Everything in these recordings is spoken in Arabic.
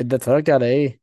انت اتفرجت على ايه؟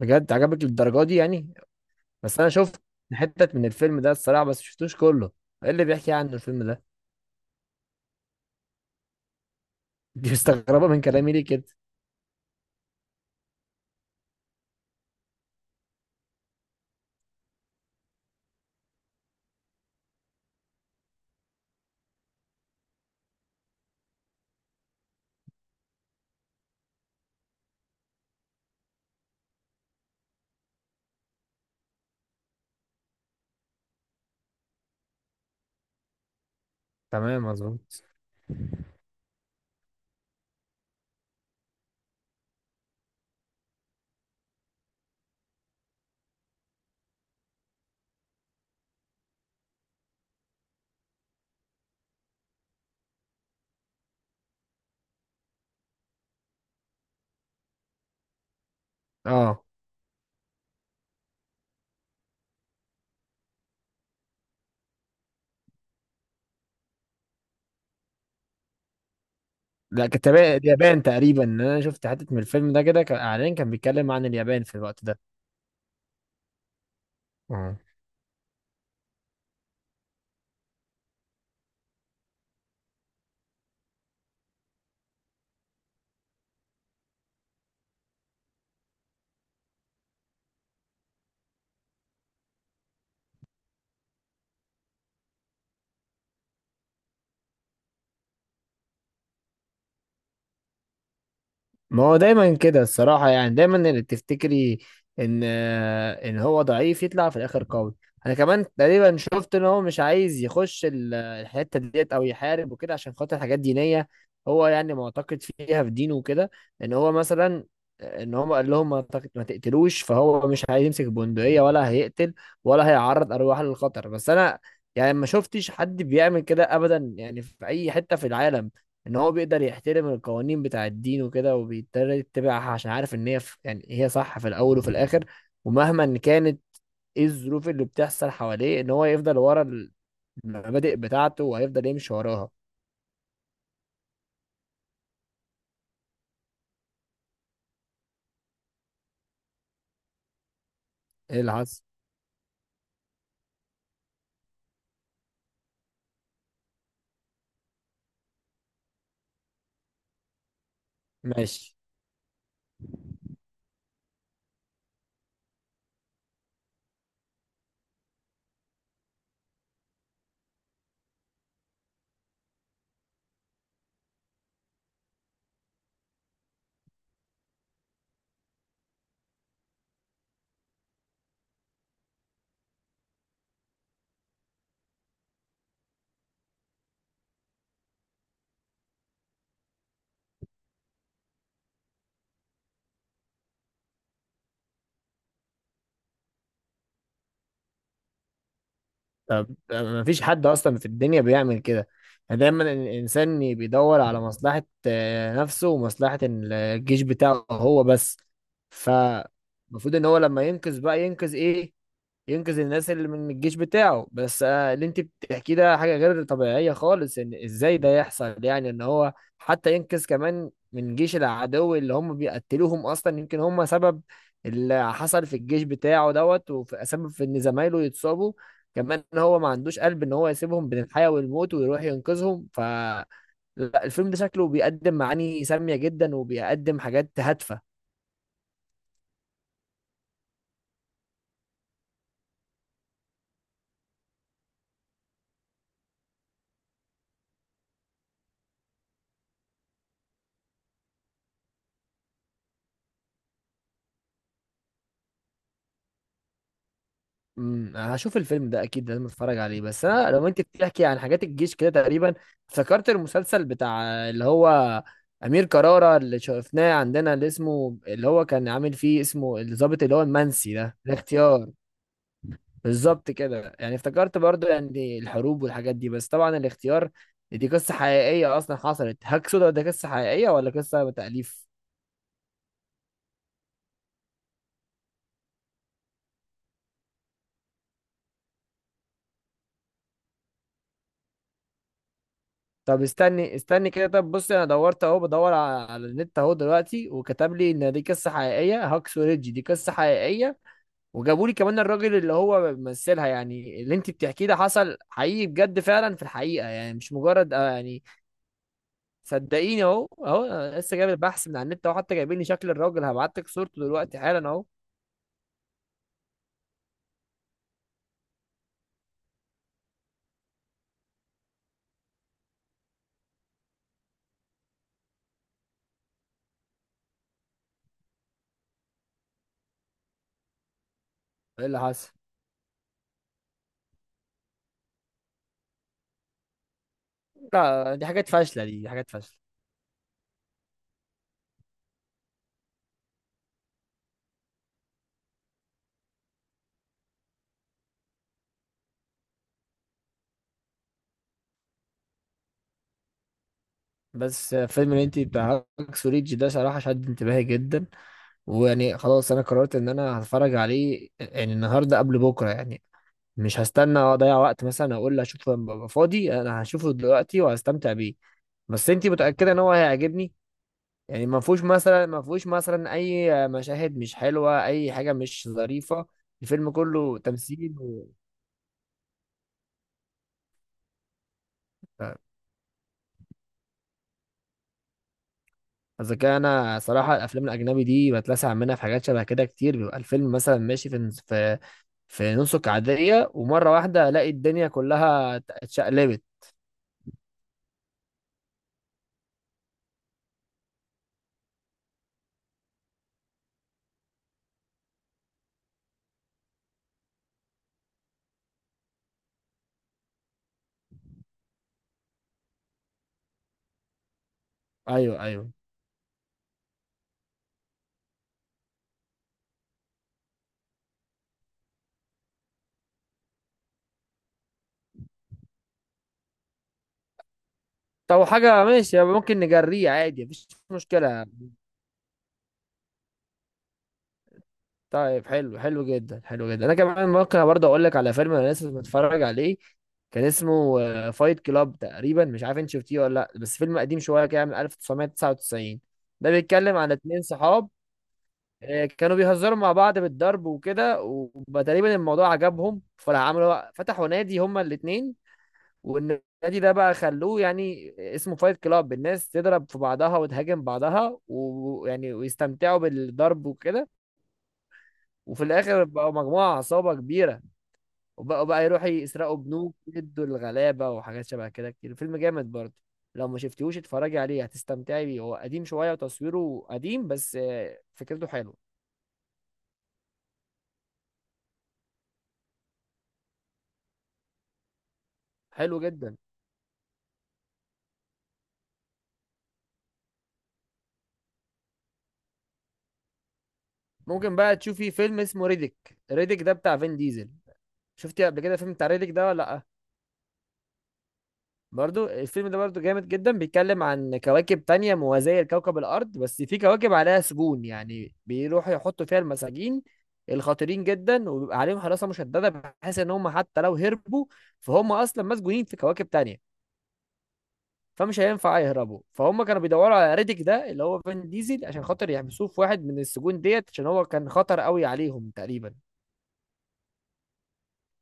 بجد عجبك للدرجه دي يعني؟ بس انا شفت حتت من الفيلم ده الصراحه، بس شفتوش كله. ايه اللي بيحكي عنه الفيلم ده؟ دي مستغربه من كلامي ليه كده؟ تمام، مظبوط. اه. لا، كانت اليابان تقريبا. انا شفت حتت من الفيلم ده كده، كان اعلان كان بيتكلم عن اليابان في الوقت ده. اه. ما هو دايما كده الصراحة يعني، دايما اللي بتفتكري ان هو ضعيف يطلع في الاخر قوي. انا كمان تقريبا شفت ان هو مش عايز يخش الحتة ديت او يحارب وكده عشان خاطر حاجات دينية. هو يعني معتقد فيها في دينه وكده، ان هو مثلا ان هو قال لهم ما تقتلوش، فهو مش عايز يمسك بندقية ولا هيقتل ولا هيعرض ارواح للخطر. بس انا يعني ما شفتش حد بيعمل كده ابدا، يعني في اي حتة في العالم، ان هو بيقدر يحترم القوانين بتاع الدين وكده وبيضطر يتبعها عشان عارف ان يعني هي صح في الاول وفي الاخر. ومهما إن كانت ايه الظروف اللي بتحصل حواليه، ان هو يفضل ورا المبادئ بتاعته وهيفضل يمشي وراها. ايه اللي حصل؟ ماشي. طب ما فيش حد اصلا في الدنيا بيعمل كده، يعني دايما الانسان بيدور على مصلحة نفسه ومصلحة الجيش بتاعه هو بس. فالمفروض ان هو لما ينقذ بقى ينقذ ايه؟ ينقذ الناس اللي من الجيش بتاعه بس. اللي انت بتحكيه ده حاجة غير طبيعية خالص، ان ازاي ده يحصل يعني، ان هو حتى ينقذ كمان من جيش العدو اللي هم بيقتلوهم اصلا، يمكن هم سبب اللي حصل في الجيش بتاعه دوت وسبب في ان زمايله يتصابوا كمان. ان هو ما عندوش قلب ان هو يسيبهم بين الحياة والموت ويروح ينقذهم. فالفيلم ده شكله بيقدم معاني سامية جدا وبيقدم حاجات هادفة. هشوف الفيلم ده اكيد، لازم اتفرج عليه. بس انا لو انت بتحكي عن حاجات الجيش كده تقريبا، افتكرت المسلسل بتاع اللي هو امير كرارة اللي شفناه عندنا اللي اسمه، اللي هو كان عامل فيه، اسمه الضابط اللي هو المنسي ده، الاختيار. بالظبط كده، يعني افتكرت برضو يعني الحروب والحاجات دي. بس طبعا الاختيار دي قصة حقيقية اصلا حصلت. هاك سودا ده قصة حقيقية ولا قصة تأليف؟ طب استني استني كده، طب بص، انا دورت اهو بدور على النت اهو دلوقتي، وكتب لي ان دي قصه حقيقيه، هاكس وريدج دي قصه حقيقيه، وجابوا لي كمان الراجل اللي هو بيمثلها، يعني اللي انت بتحكيه ده حصل حقيقي بجد فعلا في الحقيقه، يعني مش مجرد يعني. صدقيني، اهو أنا لسه جايب البحث من على النت اهو، حتى جايبين لي شكل الراجل، هبعت لك صورته دلوقتي حالا اهو. ايه اللي حصل؟ لا، دي حاجات فاشله، دي حاجات فاشله. بس فيلم اللي انت بتاع هاكس وريدج ده صراحه شد انتباهي جدا، ويعني خلاص انا قررت ان انا هتفرج عليه يعني النهارده قبل بكره يعني. مش هستنى اضيع وقت مثلا اقول اشوف لما ابقى فاضي، انا هشوفه دلوقتي وهستمتع بيه. بس انتي متاكده ان هو هيعجبني؟ يعني ما فيهوش مثلا اي مشاهد مش حلوه، اي حاجه مش ظريفه. الفيلم كله تمثيل و... اذا كان انا صراحه الافلام الاجنبي دي بتلسع منها في حاجات شبه كده كتير، بيبقى الفيلم مثلا ماشي في نسق عاديه ومره واحده الاقي الدنيا كلها اتشقلبت. ايوه، ايوه. طب حاجه ماشي يبقى ممكن نجريه عادي مفيش مشكله. طيب، حلو حلو جدا، حلو جدا. انا كمان ممكن برضه اقول لك على فيلم انا لسه متفرج عليه، كان اسمه فايت كلاب تقريبا. مش عارف انت شفتيه ولا لا، بس فيلم قديم شويه كده من 1999. ده بيتكلم عن اتنين صحاب كانوا بيهزروا مع بعض بالضرب وكده، وتقريبا الموضوع عجبهم فراح عملوا فتحوا نادي هما الاتنين. والنادي ده بقى خلوه يعني اسمه فايت كلاب، الناس تضرب في بعضها وتهاجم بعضها ويعني ويستمتعوا بالضرب وكده. وفي الاخر بقوا مجموعة عصابة كبيرة، وبقوا بقى يروحوا يسرقوا بنوك يدوا الغلابة وحاجات شبه كده كتير. الفيلم جامد برضه، لو ما شفتيهوش اتفرجي عليه هتستمتعي بيه. هو قديم شوية وتصويره قديم، بس فكرته حلوه. حلو جدا. ممكن بقى تشوفي فيلم اسمه ريديك ده بتاع فين ديزل. شفتي قبل كده فيلم بتاع ريديك ده ولا لأ؟ برضو الفيلم ده برضو جامد جدا، بيتكلم عن كواكب تانية موازية لكوكب الأرض، بس في كواكب عليها سجون يعني بيروحوا يحطوا فيها المساجين الخطيرين جدا، وبيبقى عليهم حراسة مشددة بحيث إن هم حتى لو هربوا فهم أصلا مسجونين في كواكب تانية فمش هينفع يهربوا. فهم كانوا بيدوروا على ريديك ده اللي هو فين ديزل عشان خاطر يحبسوه في واحد من السجون ديت، عشان هو كان خطر قوي عليهم تقريبا.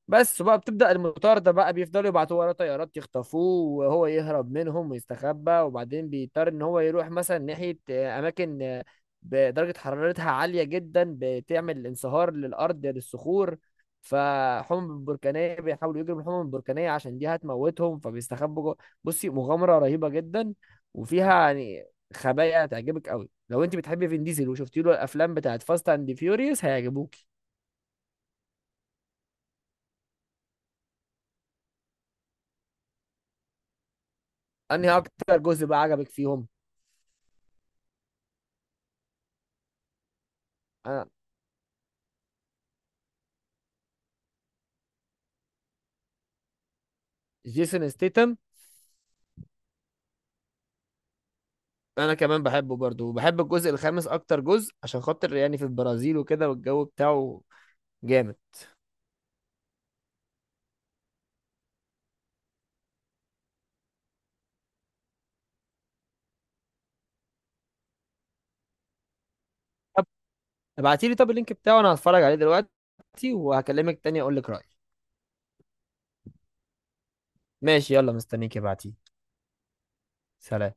بس وبقى بتبدأ المطاردة بقى، بيفضلوا يبعتوا وراه طيارات يخطفوه، وهو يهرب منهم ويستخبى، وبعدين بيضطر ان هو يروح مثلا ناحية اماكن بدرجة حرارتها عالية جدا بتعمل انصهار للأرض للصخور. فالحمم البركانية بيحاولوا يجروا من الحمم البركانية عشان دي هتموتهم فبيستخبوا جوه. بصي، مغامرة رهيبة جدا، وفيها يعني خبايا هتعجبك قوي. لو انت بتحبي فين ديزل وشفتي له الافلام بتاعت فاست اند فيوريوس هيعجبوكي. انهي اكتر جزء بقى عجبك فيهم؟ جيسون ستيتم. انا كمان بحبه برضه، وبحب الجزء الخامس اكتر جزء عشان خاطر يعني في البرازيل وكده والجو بتاعه جامد. طب ابعتيلي طب اللينك بتاعه انا هتفرج عليه دلوقتي، وهكلمك تاني اقول لك رأيي. ماشي، يلا مستنيك ابعتيه. سلام.